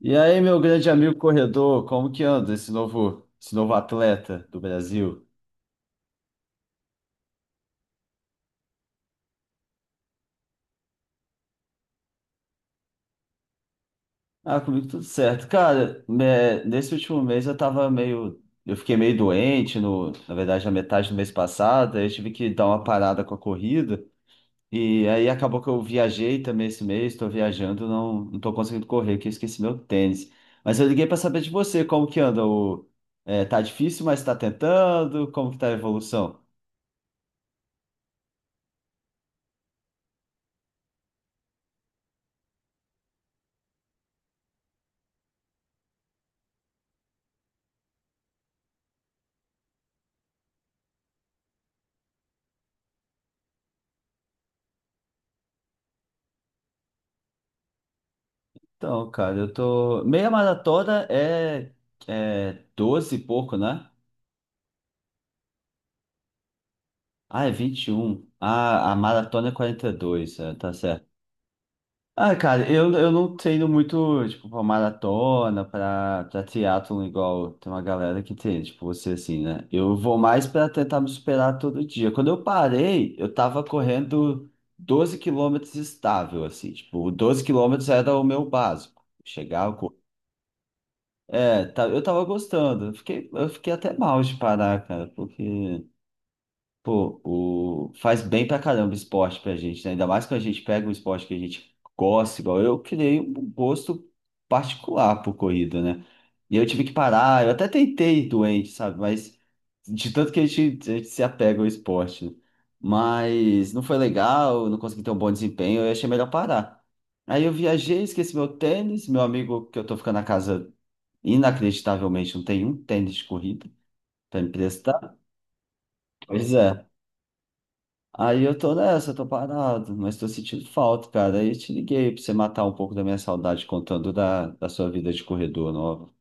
E aí, meu grande amigo corredor, como que anda esse novo atleta do Brasil? Ah, comigo tudo certo. Cara, né, nesse último mês eu tava meio. Eu fiquei meio doente, no, na verdade, na metade do mês passado, aí eu tive que dar uma parada com a corrida. E aí acabou que eu viajei também esse mês, tô viajando, não, não tô conseguindo correr, que eu esqueci meu tênis. Mas eu liguei pra saber de você, como que anda o. Tá difícil, mas tá tentando? Como que tá a evolução? Então, cara, eu tô. Meia maratona é 12 e pouco, né? Ah, é 21. Ah, a maratona é 42, é, tá certo. Ah, cara, eu não treino muito, tipo, pra maratona, pra triatlon, igual tem uma galera que treina, tipo você assim, né? Eu vou mais pra tentar me superar todo dia. Quando eu parei, eu tava correndo 12 quilômetros estável, assim, tipo, 12 quilômetros era o meu básico. Chegava. É, tá, eu tava gostando. Eu fiquei até mal de parar, cara, porque, pô, faz bem pra caramba o esporte pra gente, né? Ainda mais quando a gente pega um esporte que a gente gosta, igual eu, criei um gosto particular por corrida, né? E eu tive que parar, eu até tentei doente, sabe? Mas de tanto que a gente se apega ao esporte, né? Mas não foi legal, eu não consegui ter um bom desempenho, eu achei melhor parar. Aí eu viajei, esqueci meu tênis, meu amigo que eu tô ficando na casa. Inacreditavelmente, não tem um tênis de corrida pra emprestar. Pois é. Aí eu tô nessa, eu tô parado, mas tô sentindo falta, cara. Aí eu te liguei pra você matar um pouco da minha saudade contando da sua vida de corredor nova.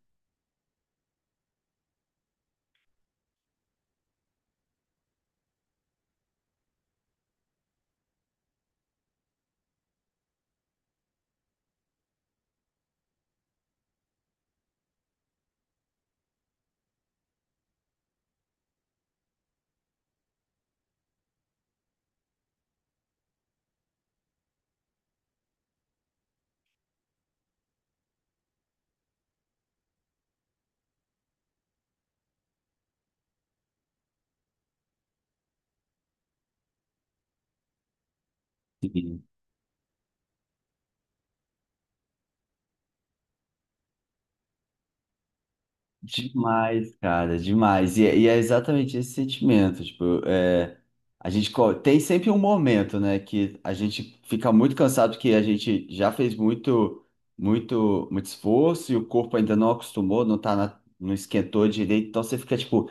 Demais, cara, demais. É exatamente esse sentimento. Tipo, tem sempre um momento, né, que a gente fica muito cansado porque a gente já fez muito, muito, muito esforço e o corpo ainda não acostumou, não tá não esquentou direito. Então você fica tipo,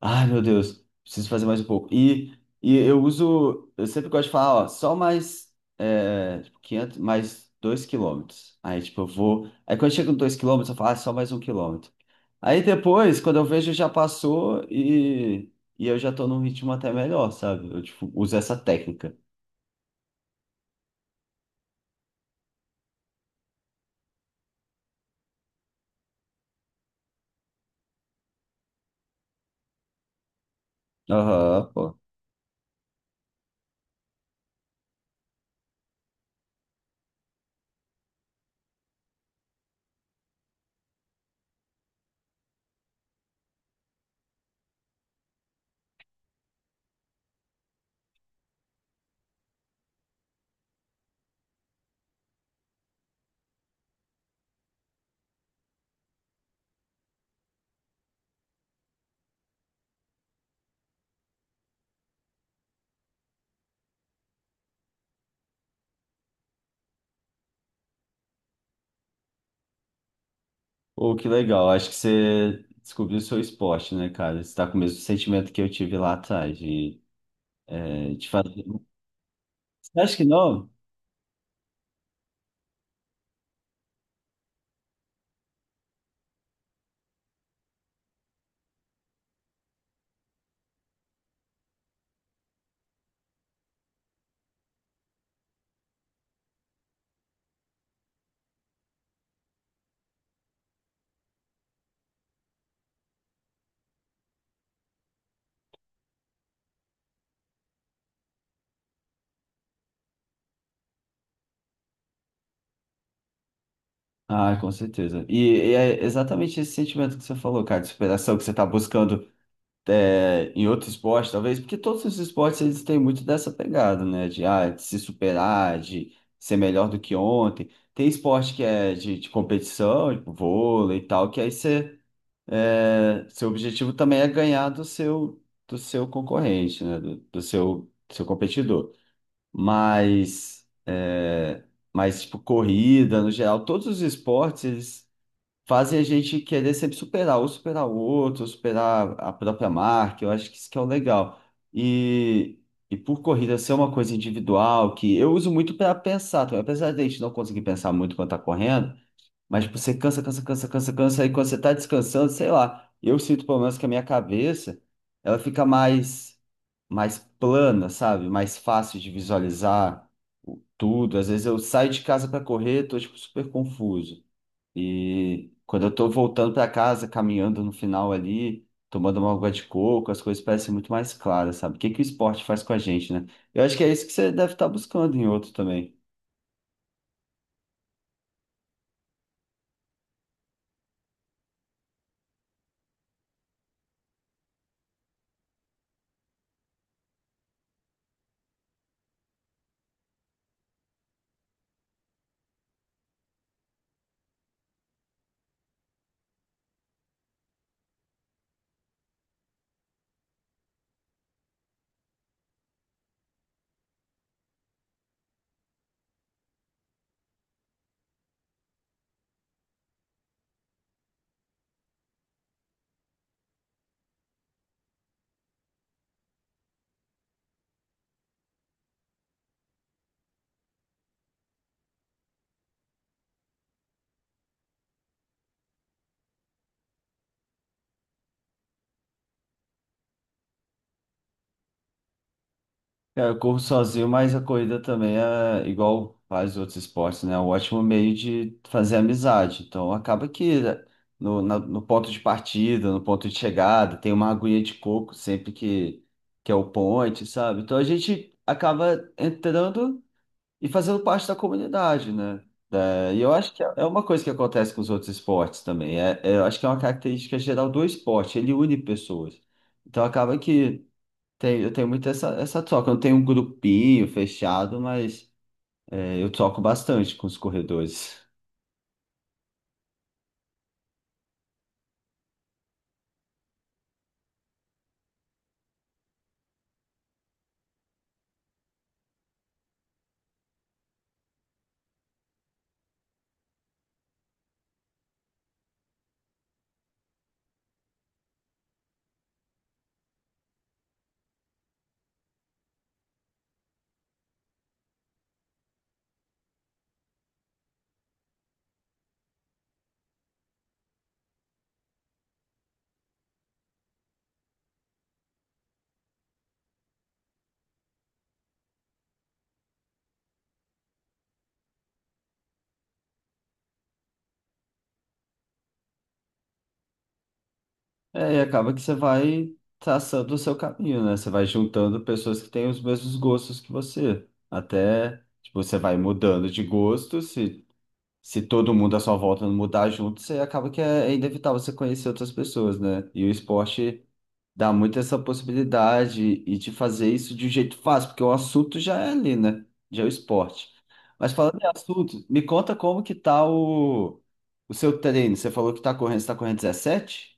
ai, meu Deus, preciso fazer mais um pouco. E eu uso, eu sempre gosto de falar, ó, só mais tipo, 500, mais 2 quilômetros. Aí, tipo, eu vou. Aí, quando chega no 2 quilômetros, eu falo, ah, só mais 1 quilômetro. Aí, depois, quando eu vejo, já passou e eu já tô num ritmo até melhor, sabe? Eu, tipo, uso essa técnica. Aham, pô. Pô, que legal. Acho que você descobriu o seu esporte, né, cara? Você tá com o mesmo sentimento que eu tive lá atrás, de fazer. Você acha que não? Ah, com certeza. E é exatamente esse sentimento que você falou, cara, de superação que você está buscando em outro esporte, talvez, porque todos os esportes eles têm muito dessa pegada, né? De se superar, de ser melhor do que ontem. Tem esporte que é de competição, tipo vôlei e tal, que aí você, seu objetivo também é ganhar do seu, concorrente, né? Do seu competidor. Mas, é, mas, tipo, corrida, no geral, todos os esportes, eles fazem a gente querer sempre superar, ou superar o outro, ou superar a própria marca. Eu acho que isso que é o legal. E, e por corrida ser uma coisa individual, que eu uso muito para pensar também. Apesar de a gente não conseguir pensar muito quando tá correndo, mas tipo, você cansa, cansa, cansa, cansa, cansa, e quando você tá descansando, sei lá, eu sinto pelo menos que a minha cabeça, ela fica mais plana, sabe? Mais fácil de visualizar. Tudo, às vezes eu saio de casa para correr, tô tipo super confuso. E quando eu tô voltando para casa, caminhando no final ali, tomando uma água de coco, as coisas parecem muito mais claras, sabe? O que que o esporte faz com a gente, né? Eu acho que é isso que você deve estar buscando em outro também. Cara, eu corro sozinho, mas a corrida também é igual vários outros esportes, né? É um ótimo meio de fazer amizade. Então acaba que né, no ponto de partida, no ponto de chegada, tem uma aguinha de coco sempre que é o point, sabe? Então a gente acaba entrando e fazendo parte da comunidade, né? É, e eu acho que é uma coisa que acontece com os outros esportes também. Eu acho que é uma característica geral do esporte, ele une pessoas. Então acaba que tem, eu tenho muito essa troca. Eu não tenho um grupinho fechado, mas eu troco bastante com os corredores. É, e acaba que você vai traçando o seu caminho, né? Você vai juntando pessoas que têm os mesmos gostos que você. Até, tipo, você vai mudando de gosto, se todo mundo à sua volta não mudar junto, você acaba que é inevitável você conhecer outras pessoas, né? E o esporte dá muito essa possibilidade e de fazer isso de um jeito fácil, porque o assunto já é ali, né? Já é o esporte. Mas falando em assunto, me conta como que tá o seu treino. Você falou que tá correndo, você tá correndo 17?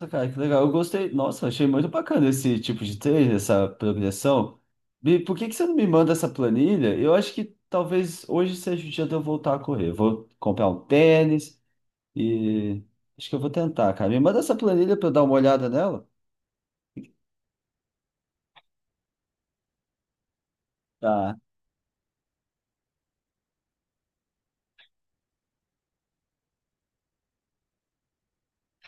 Nossa, cara, que legal. Eu gostei. Nossa, achei muito bacana esse tipo de treino, essa progressão. E por que que você não me manda essa planilha? Eu acho que talvez hoje seja o dia de eu voltar a correr. Eu vou comprar um tênis e acho que eu vou tentar, cara. Me manda essa planilha para eu dar uma olhada nela. Tá.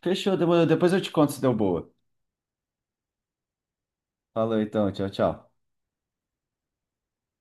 Fechou, demorou. Depois eu te conto se deu boa. Falou então, tchau, tchau.